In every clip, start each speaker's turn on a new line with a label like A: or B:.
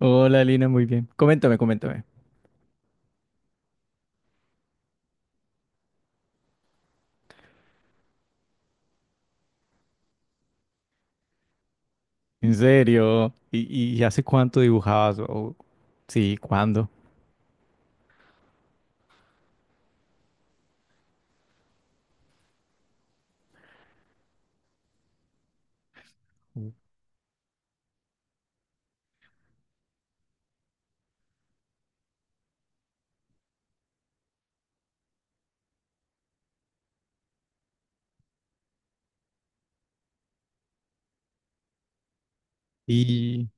A: Hola Lina, muy bien. Coméntame, coméntame. ¿En serio? ¿Y hace cuánto dibujabas? Sí, ¿cuándo? Y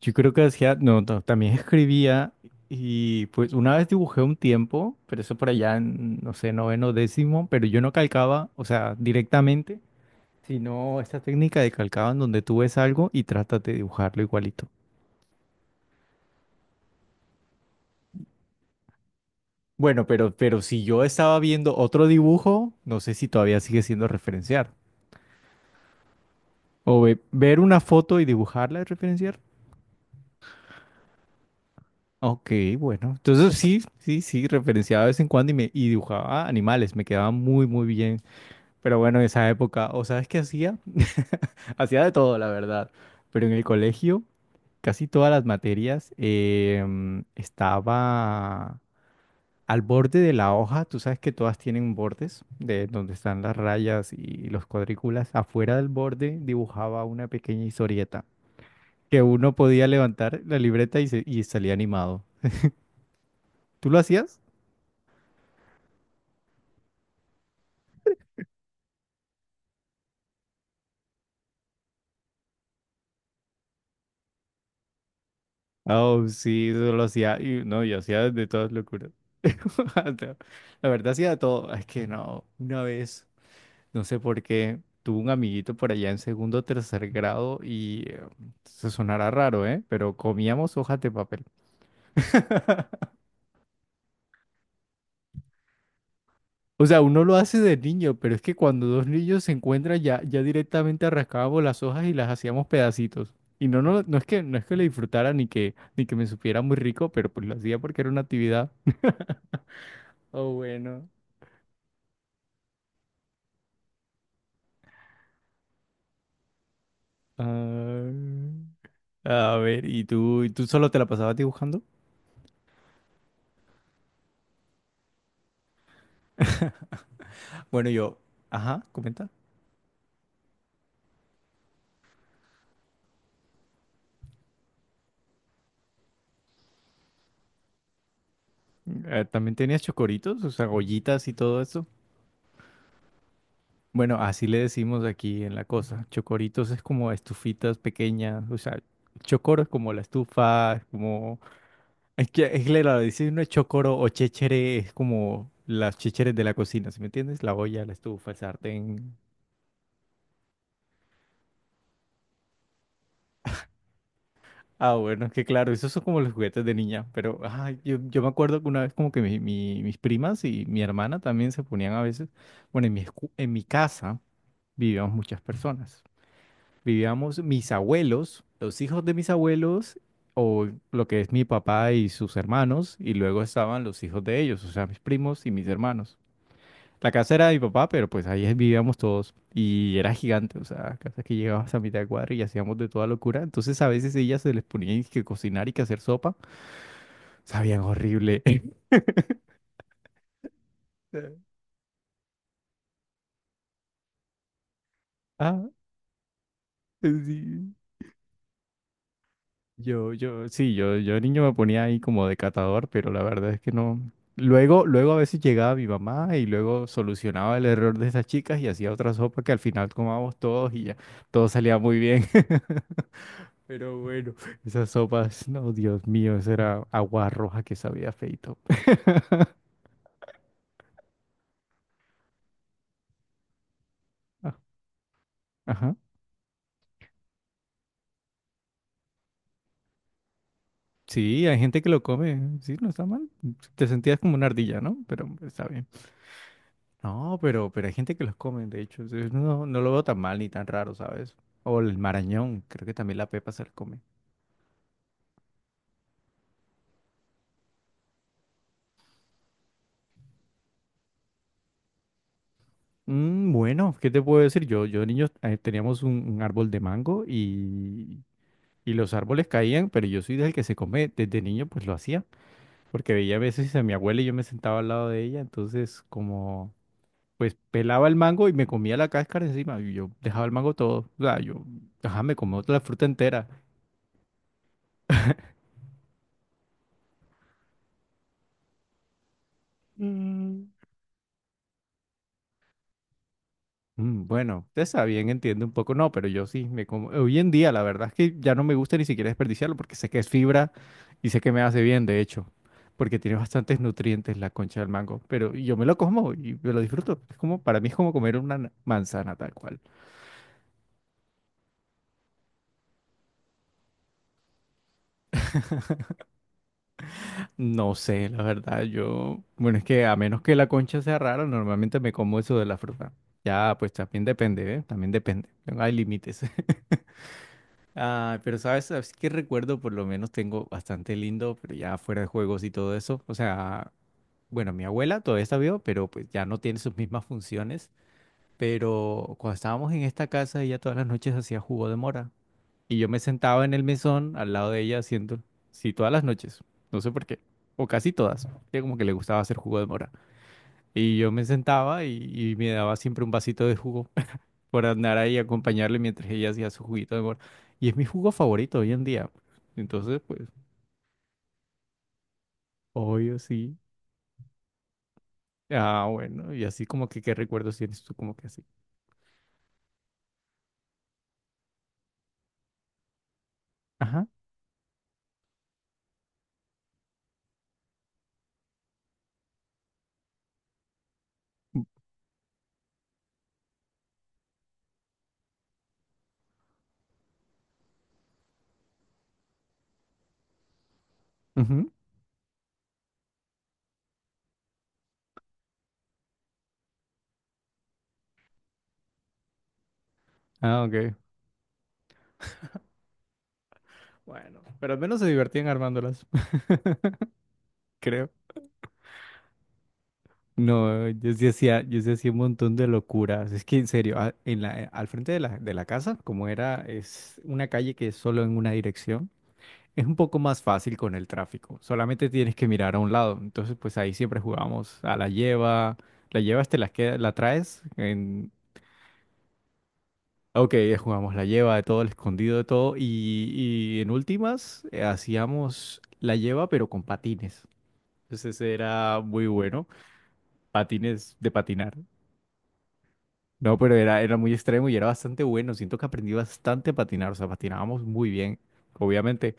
A: yo creo que hacía, no, no, también escribía y pues una vez dibujé un tiempo, pero eso por allá en, no sé, noveno, décimo, pero yo no calcaba, o sea, directamente, sino esta técnica de calcaba en donde tú ves algo y tratas de dibujarlo igualito. Bueno, pero si yo estaba viendo otro dibujo, no sé si todavía sigue siendo referenciar. O ver una foto y dibujarla y referenciar. Ok, bueno. Entonces sí, sí, sí, referenciaba de vez en cuando y, y dibujaba animales. Me quedaba muy, muy bien. Pero bueno, en esa época, ¿o sabes qué hacía? Hacía de todo, la verdad. Pero en el colegio, casi todas las materias estaba al borde de la hoja. Tú sabes que todas tienen bordes de donde están las rayas y los cuadrículas. Afuera del borde dibujaba una pequeña historieta que uno podía levantar la libreta y, y salía animado. ¿Tú lo hacías? Oh, sí, yo lo hacía. Y, no, yo hacía de todas locuras. No, la verdad, hacía de todo. Es que no, una vez, no sé por qué, tuve un amiguito por allá en segundo o tercer grado y se sonará raro, ¿eh? Pero comíamos hojas de papel. O sea, uno lo hace de niño, pero es que cuando dos niños se encuentran ya directamente arrancábamos las hojas y las hacíamos pedacitos. Y no, no, no es que lo disfrutara ni que me supiera muy rico, pero pues lo hacía porque era una actividad. Oh, bueno. Ah, a ver, ¿y tú solo te la pasabas dibujando? Bueno, ajá, comenta. ¿También tenías chocoritos? O sea, ollitas y todo eso. Bueno, así le decimos aquí en la cosa. Chocoritos es como estufitas pequeñas, o sea, chocoro es como la estufa, es como. Es que la decir no es chocoro o chéchere es como las chécheres de la cocina, ¿sí me entiendes? La olla, la estufa, el sartén. Ah, bueno, es que claro, esos son como los juguetes de niña, pero ah, yo me acuerdo que una vez como que mis primas y mi hermana también se ponían a veces, bueno, en mi casa vivíamos muchas personas. Vivíamos mis abuelos, los hijos de mis abuelos, o lo que es mi papá y sus hermanos, y luego estaban los hijos de ellos, o sea, mis primos y mis hermanos. La casa era de mi papá, pero pues ahí vivíamos todos y era gigante, o sea, casa que llegabas a mitad de cuadra y hacíamos de toda locura. Entonces a veces ellas se les ponía que cocinar y que hacer sopa, sabían horrible. Ah, sí. Yo, sí, yo de niño me ponía ahí como de catador, pero la verdad es que no. Luego a veces llegaba mi mamá y luego solucionaba el error de esas chicas y hacía otra sopa que al final tomábamos todos y ya todo salía muy bien. Pero bueno, esas sopas, no, Dios mío, esa era agua roja que sabía feito. Ah. Ajá. Sí, hay gente que lo come, sí, no está mal. Te sentías como una ardilla, ¿no? Pero está bien. No, pero hay gente que los come, de hecho. No, no lo veo tan mal ni tan raro, ¿sabes? O el marañón, creo que también la pepa se la come. Bueno, ¿qué te puedo decir? Yo de niño, teníamos un árbol de mango y, los árboles caían, pero yo soy del que se come, desde niño pues lo hacía, porque veía a veces a mi abuela y yo me sentaba al lado de ella, entonces como pues pelaba el mango y me comía la cáscara encima y yo dejaba el mango todo, o sea, ajá, me comía toda la fruta entera. Mm. Bueno, usted está bien, entiende un poco, no, pero yo sí, me como, hoy en día la verdad es que ya no me gusta ni siquiera desperdiciarlo porque sé que es fibra y sé que me hace bien, de hecho, porque tiene bastantes nutrientes la concha del mango, pero yo me lo como y me lo disfruto. Es como, para mí es como comer una manzana tal cual. No sé, la verdad, yo, bueno, es que a menos que la concha sea rara, normalmente me como eso de la fruta. Ya, pues también depende, ¿eh? También depende, no hay límites. Ah, pero sabes que recuerdo, por lo menos tengo bastante lindo, pero ya fuera de juegos y todo eso. O sea, bueno, mi abuela todavía está viva, pero pues ya no tiene sus mismas funciones. Pero cuando estábamos en esta casa, ella todas las noches hacía jugo de mora. Y yo me sentaba en el mesón al lado de ella haciendo, sí, todas las noches. No sé por qué. O casi todas. Ella como que le gustaba hacer jugo de mora. Y yo me sentaba y, me daba siempre un vasito de jugo por andar ahí y acompañarle mientras ella hacía su juguito de mora. Y es mi jugo favorito hoy en día. Entonces, pues, obvio, sí. Ah, bueno, y así como que qué recuerdos tienes tú, como que así. Ajá. u- Ujú. Ah, ok. Bueno, pero al menos se divertían armándolas, creo. No, yo sí hacía un montón de locuras. Es que en serio, al frente de la casa, como era, es una calle que es solo en una dirección. Es un poco más fácil con el tráfico, solamente tienes que mirar a un lado. Entonces, pues ahí siempre jugamos a la lleva, la llevas, te la, la traes, en. Ok, jugamos la lleva de todo, el escondido de todo, y, en últimas, hacíamos la lleva pero con patines. Entonces era muy bueno, patines de patinar. No, pero era muy extremo y era bastante bueno. Siento que aprendí bastante a patinar, o sea, patinábamos muy bien, obviamente.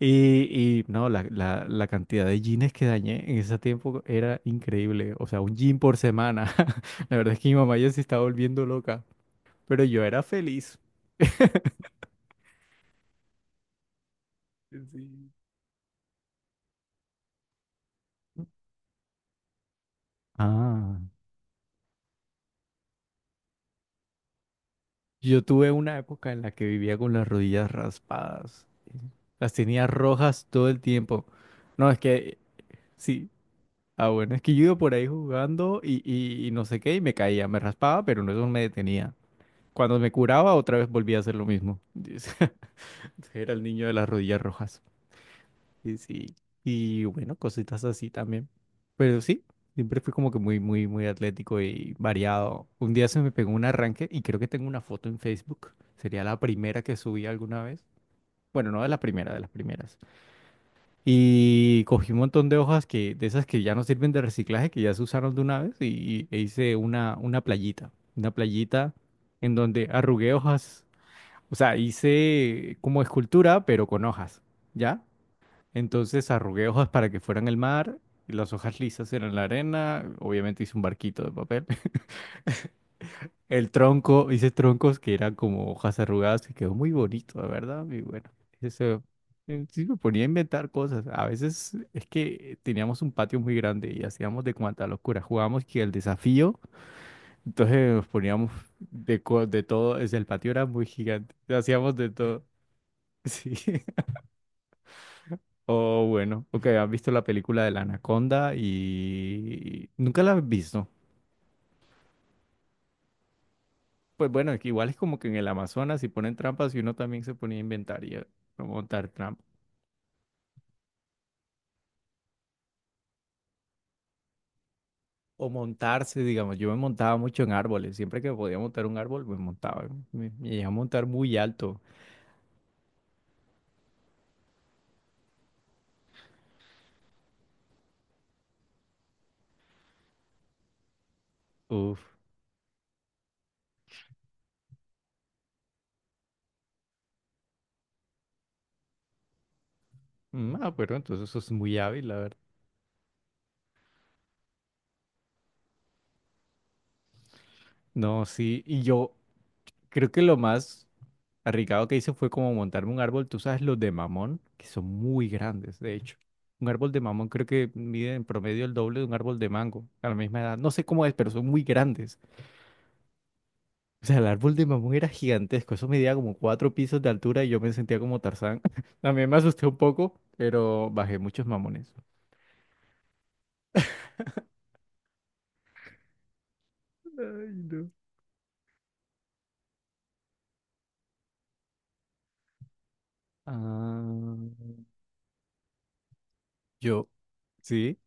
A: Y, y no, la cantidad de jeans que dañé en ese tiempo era increíble. O sea, un jean por semana. La verdad es que mi mamá ya se estaba volviendo loca, pero yo era feliz. Sí. Ah. Yo tuve una época en la que vivía con las rodillas raspadas. Las tenía rojas todo el tiempo. No, es que sí. Ah, bueno, es que yo iba por ahí jugando y no sé qué, y me caía, me raspaba, pero no eso no me detenía. Cuando me curaba, otra vez volvía a hacer lo mismo. Era el niño de las rodillas rojas. Y sí, y bueno, cositas así también. Pero sí, siempre fui como que muy, muy, muy atlético y variado. Un día se me pegó un arranque y creo que tengo una foto en Facebook. Sería la primera que subí alguna vez. Bueno, no de la primera, de las primeras. Y cogí un montón de hojas que, de esas que ya no sirven de reciclaje, que ya se usaron de una vez, e hice una playita. Una playita en donde arrugué hojas. O sea, hice como escultura, pero con hojas, ¿ya? Entonces arrugué hojas para que fueran el mar, y las hojas lisas eran la arena. Obviamente hice un barquito de papel. El tronco, hice troncos que eran como hojas arrugadas, que quedó muy bonito, la verdad. Y bueno, eso, sí me ponía a inventar cosas. A veces es que teníamos un patio muy grande y hacíamos de cuanta locura. Jugábamos que el desafío, entonces nos poníamos de todo, es el patio era muy gigante, hacíamos de todo. Sí. O bueno, ok, has visto la película de la Anaconda y nunca la has visto. Pues bueno, es que igual es como que en el Amazonas si ponen trampas y uno también se ponía a inventar y a montar trampas. O montarse, digamos, yo me montaba mucho en árboles, siempre que podía montar un árbol me montaba, me llegué a montar muy alto. Uf. Pero entonces eso es muy hábil, la verdad. No, sí, y yo creo que lo más arriesgado que hice fue como montarme un árbol, tú sabes, los de mamón, que son muy grandes, de hecho. Un árbol de mamón creo que mide en promedio el doble de un árbol de mango a la misma edad. No sé cómo es, pero son muy grandes. O sea, el árbol de mamón era gigantesco, eso medía como 4 pisos de altura y yo me sentía como Tarzán. También me asusté un poco, pero bajé muchos mamones. Ay, no. Ah, yo, sí,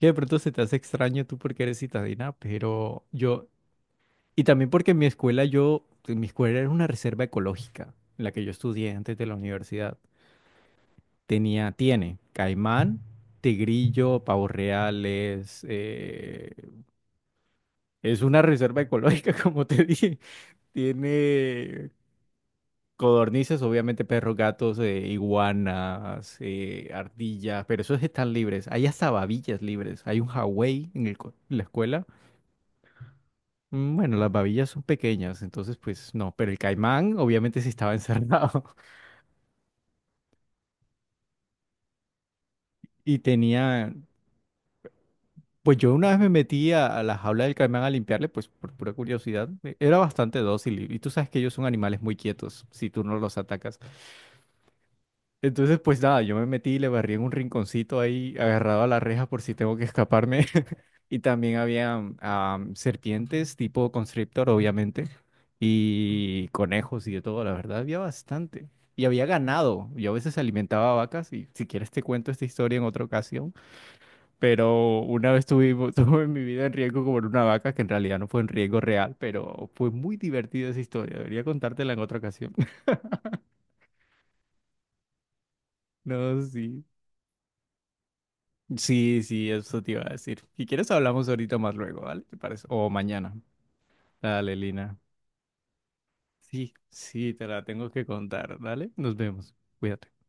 A: que de pronto se te hace extraño tú porque eres citadina, pero y también porque en mi escuela yo en mi escuela era una reserva ecológica, en la que yo estudié antes de la universidad. Tenía, tiene caimán, tigrillo, pavos reales, es una reserva ecológica, como te dije. Tiene codornices, obviamente perros, gatos, iguanas, ardillas, pero esos están libres. Hay hasta babillas libres. Hay un Hawái en la escuela. Bueno, las babillas son pequeñas, entonces pues no, pero el caimán obviamente sí estaba encerrado y tenía. Pues yo una vez me metí a la jaula del caimán a limpiarle, pues por pura curiosidad. Era bastante dócil y, tú sabes que ellos son animales muy quietos si tú no los atacas. Entonces, pues nada, yo me metí y le barrí en un rinconcito ahí, agarrado a la reja por si tengo que escaparme. Y también había serpientes tipo constrictor, obviamente, y conejos y de todo, la verdad, había bastante. Y había ganado. Yo a veces alimentaba vacas y si quieres te cuento esta historia en otra ocasión, pero una vez tuvimos, tuve mi vida en riesgo como en una vaca, que en realidad no fue en riesgo real, pero fue muy divertida esa historia. Debería contártela en otra ocasión. No, sí. Sí, sí, eso te iba a decir. Si quieres hablamos ahorita más luego, ¿vale? ¿Te parece? O mañana. Dale, Lina. Sí, sí, te la tengo que contar, ¿vale? Nos vemos. Cuídate.